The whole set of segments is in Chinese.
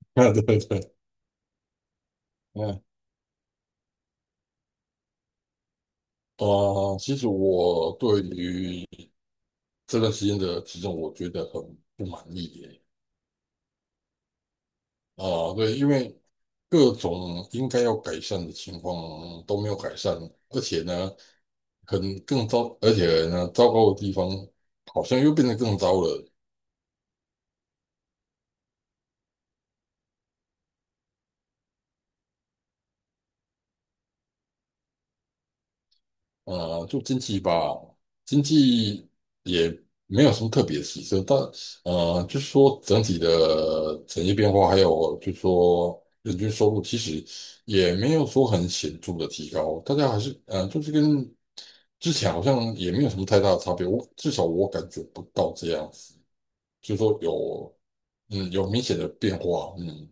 啊，对对，对，嗯，其实我对于这段时间的体重，我觉得很不满意耶。啊、对，因为各种应该要改善的情况都没有改善，而且呢，很更糟，而且呢，糟糕的地方好像又变得更糟了。就经济吧，经济也没有什么特别的起色，但就是说整体的产业变化，还有就是说人均收入，其实也没有说很显著的提高，大家还是就是跟之前好像也没有什么太大的差别，我至少我感觉不到这样子，就是说有明显的变化，嗯。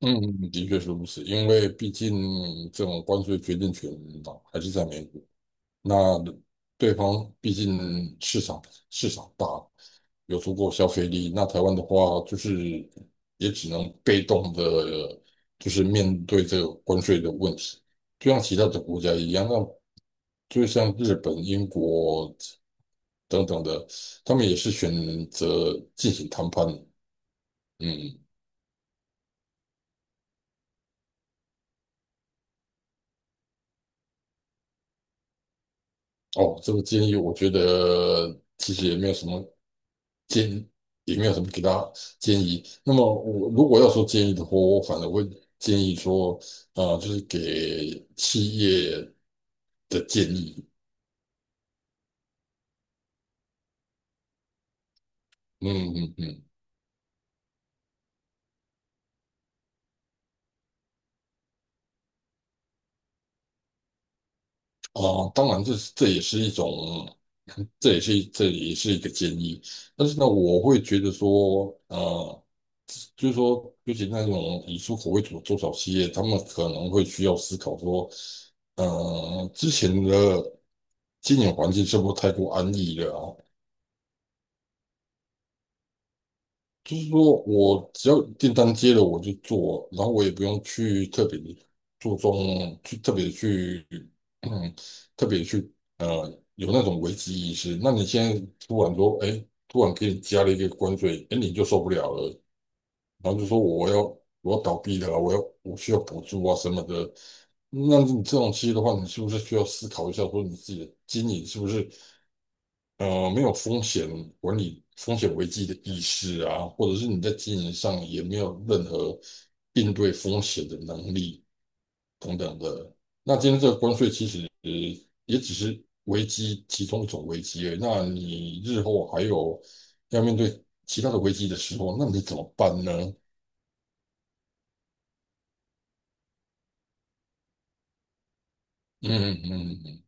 嗯，的确是如此，因为毕竟这种关税决定权嘛还是在美国。那对方毕竟市场大，有足够消费力。那台湾的话，就是也只能被动的，就是面对这个关税的问题，就像其他的国家一样，那就像日本、英国等等的，他们也是选择进行谈判。嗯，哦，这个建议我觉得其实也没有什么建议也没有什么给大家建议。那么我如果要说建议的话，我反而会建议说，啊、就是给企业的建议。嗯嗯嗯，啊、当然这也是一种，这也是一个建议。但是呢，我会觉得说，啊，就是说，尤其那种以出口为主的中小企业，他们可能会需要思考说，之前的经营环境是不是太过安逸了啊？就是说我只要订单接了我就做，然后我也不用去特别注重，去特别去，嗯，特别去有那种危机意识。那你现在突然说，哎，突然给你加了一个关税，哎，你就受不了了，然后就说我要倒闭了，我需要补助啊什么的。那你这种企业的话，你是不是需要思考一下，说你自己的经营是不是？没有风险管理、风险危机的意识啊，或者是你在经营上也没有任何应对风险的能力等等的。那今天这个关税其实也只是危机其中一种危机而已。那你日后还有要面对其他的危机的时候，那你怎么办呢？嗯嗯嗯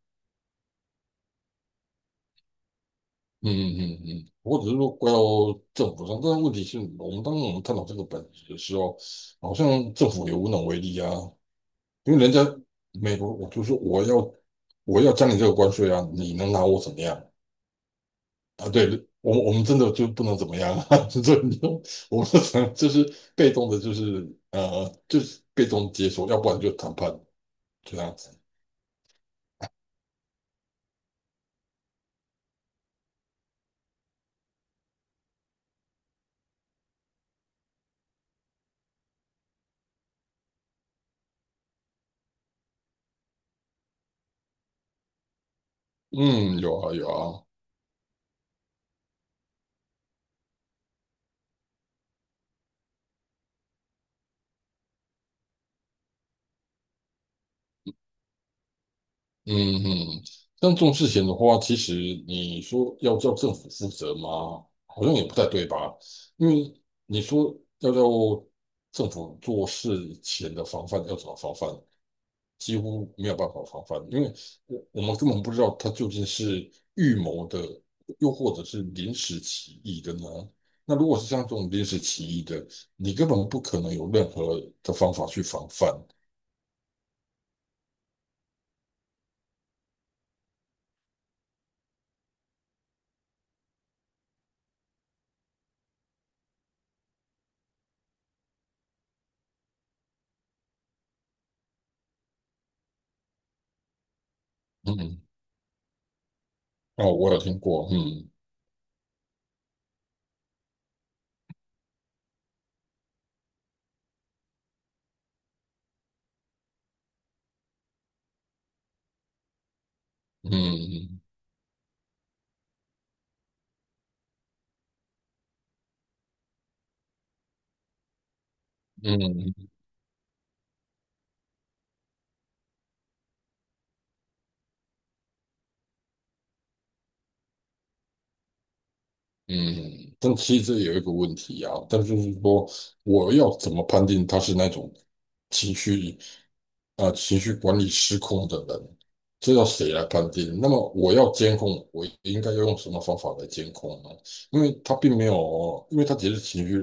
嗯嗯嗯，嗯或只是说怪到政府上，但是问题是当我们探讨这个本质的时候，好像政府也无能为力啊。因为人家美国，我就说我要加你这个关税啊，你能拿我怎么样啊？对我们真的就不能怎么样啊？就这你就我们只能就是被动的，就是就是被动接受，要不然就谈判这样子。嗯，有啊有啊。嗯嗯，但这种事情的话，其实你说要叫政府负责吗？好像也不太对吧？因为你说要叫政府做事前的防范，要怎么防范？几乎没有办法防范，因为我们根本不知道他究竟是预谋的，又或者是临时起意的呢？那如果是像这种临时起意的，你根本不可能有任何的方法去防范。嗯，嗯哦，我有听过，嗯嗯。嗯嗯嗯，但其实这有一个问题啊，但就是说，我要怎么判定他是那种情绪啊、情绪管理失控的人？这要谁来判定？那么我要监控，我应该要用什么方法来监控呢？因为他并没有，因为他只是情绪，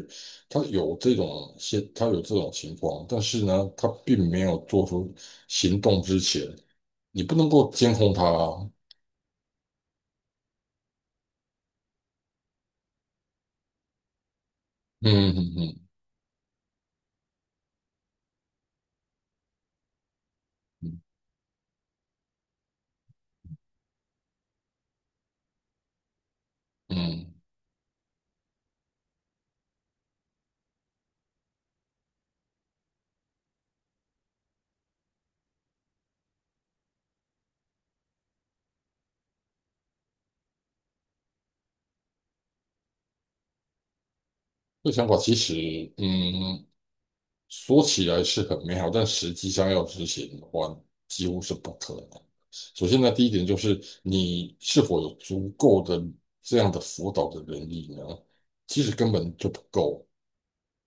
他有这种现，他有这种情况，但是呢，他并没有做出行动之前，你不能够监控他啊嗯嗯嗯嗯嗯。这想法其实，嗯，说起来是很美好，但实际上要执行的话，几乎是不可能。首先呢，第一点就是你是否有足够的这样的辅导的能力呢？其实根本就不够，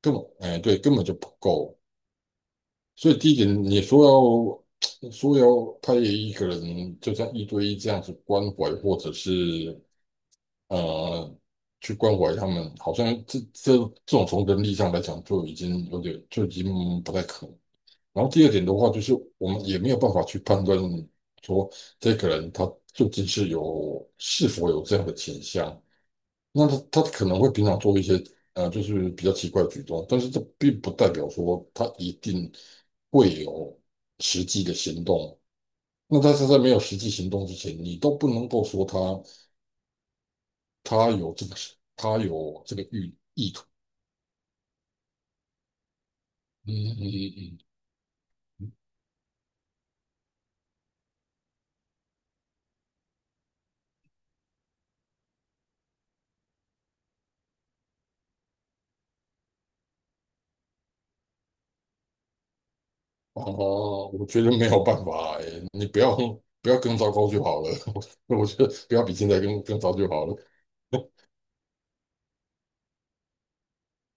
根本，哎，对，根本就不够。所以第一点，你说要 说要派一个人就像一对一这样子关怀，或者是呃，去关怀他们，好像这这种从人力上来讲就已经有点就已经不太可能。然后第二点的话，就是我们也没有办法去判断说这个人他究竟是是否有这样的倾向。那他可能会平常做一些就是比较奇怪的举动，但是这并不代表说他一定会有实际的行动。那但是在没有实际行动之前，你都不能够说他。他有这个，他有这个意图。嗯嗯嗯嗯。哦，我觉得没有办法哎，你不要更糟糕就好了。我觉得不要比现在更糟就好了。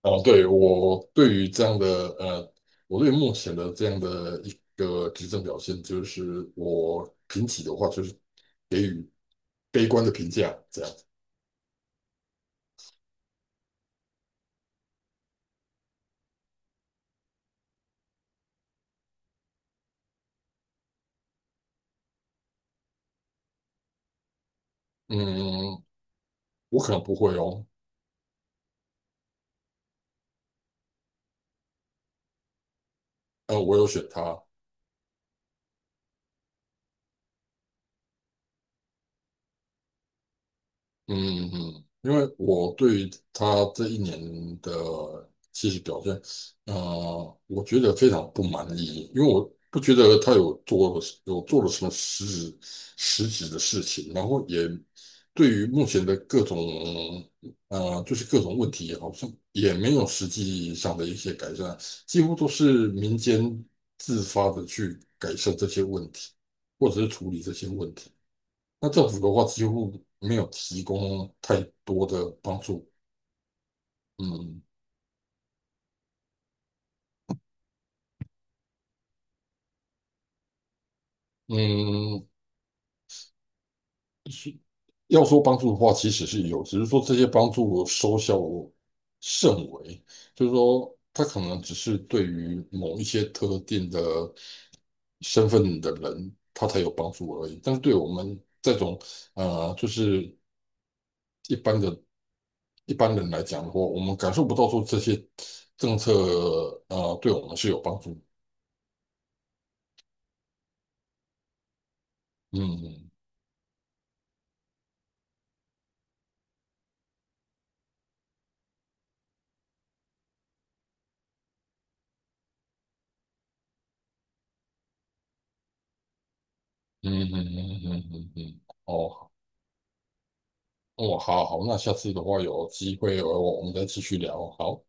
哦，对，我对于这样的呃，我对目前的这样的一个执政表现，就是我评起的话，就是悲观的评价这样。嗯，我可能不会哦，我有选他，嗯嗯，嗯因为我对于他这一年的其实表现，我觉得非常不满意，因为我不觉得他有做了什么质实质的事情，然后也对于目前的各种就是各种问题，好像也没有实际上的一些改善，几乎都是民间自发的去改善这些问题，或者是处理这些问题。那政府的话几乎没有提供太多的帮助。嗯嗯，是要说帮助的话，其实是有，只是说这些帮助收效甚微，就是说他可能只是对于某一些特定的身份的人，他才有帮助而已。但是对我们这种就是一般的一般人来讲的话，我们感受不到说这些政策对我们是有帮助。嗯。嗯嗯嗯嗯嗯嗯，哦，哦，好好，那下次的话有机会，我们再继续聊，好。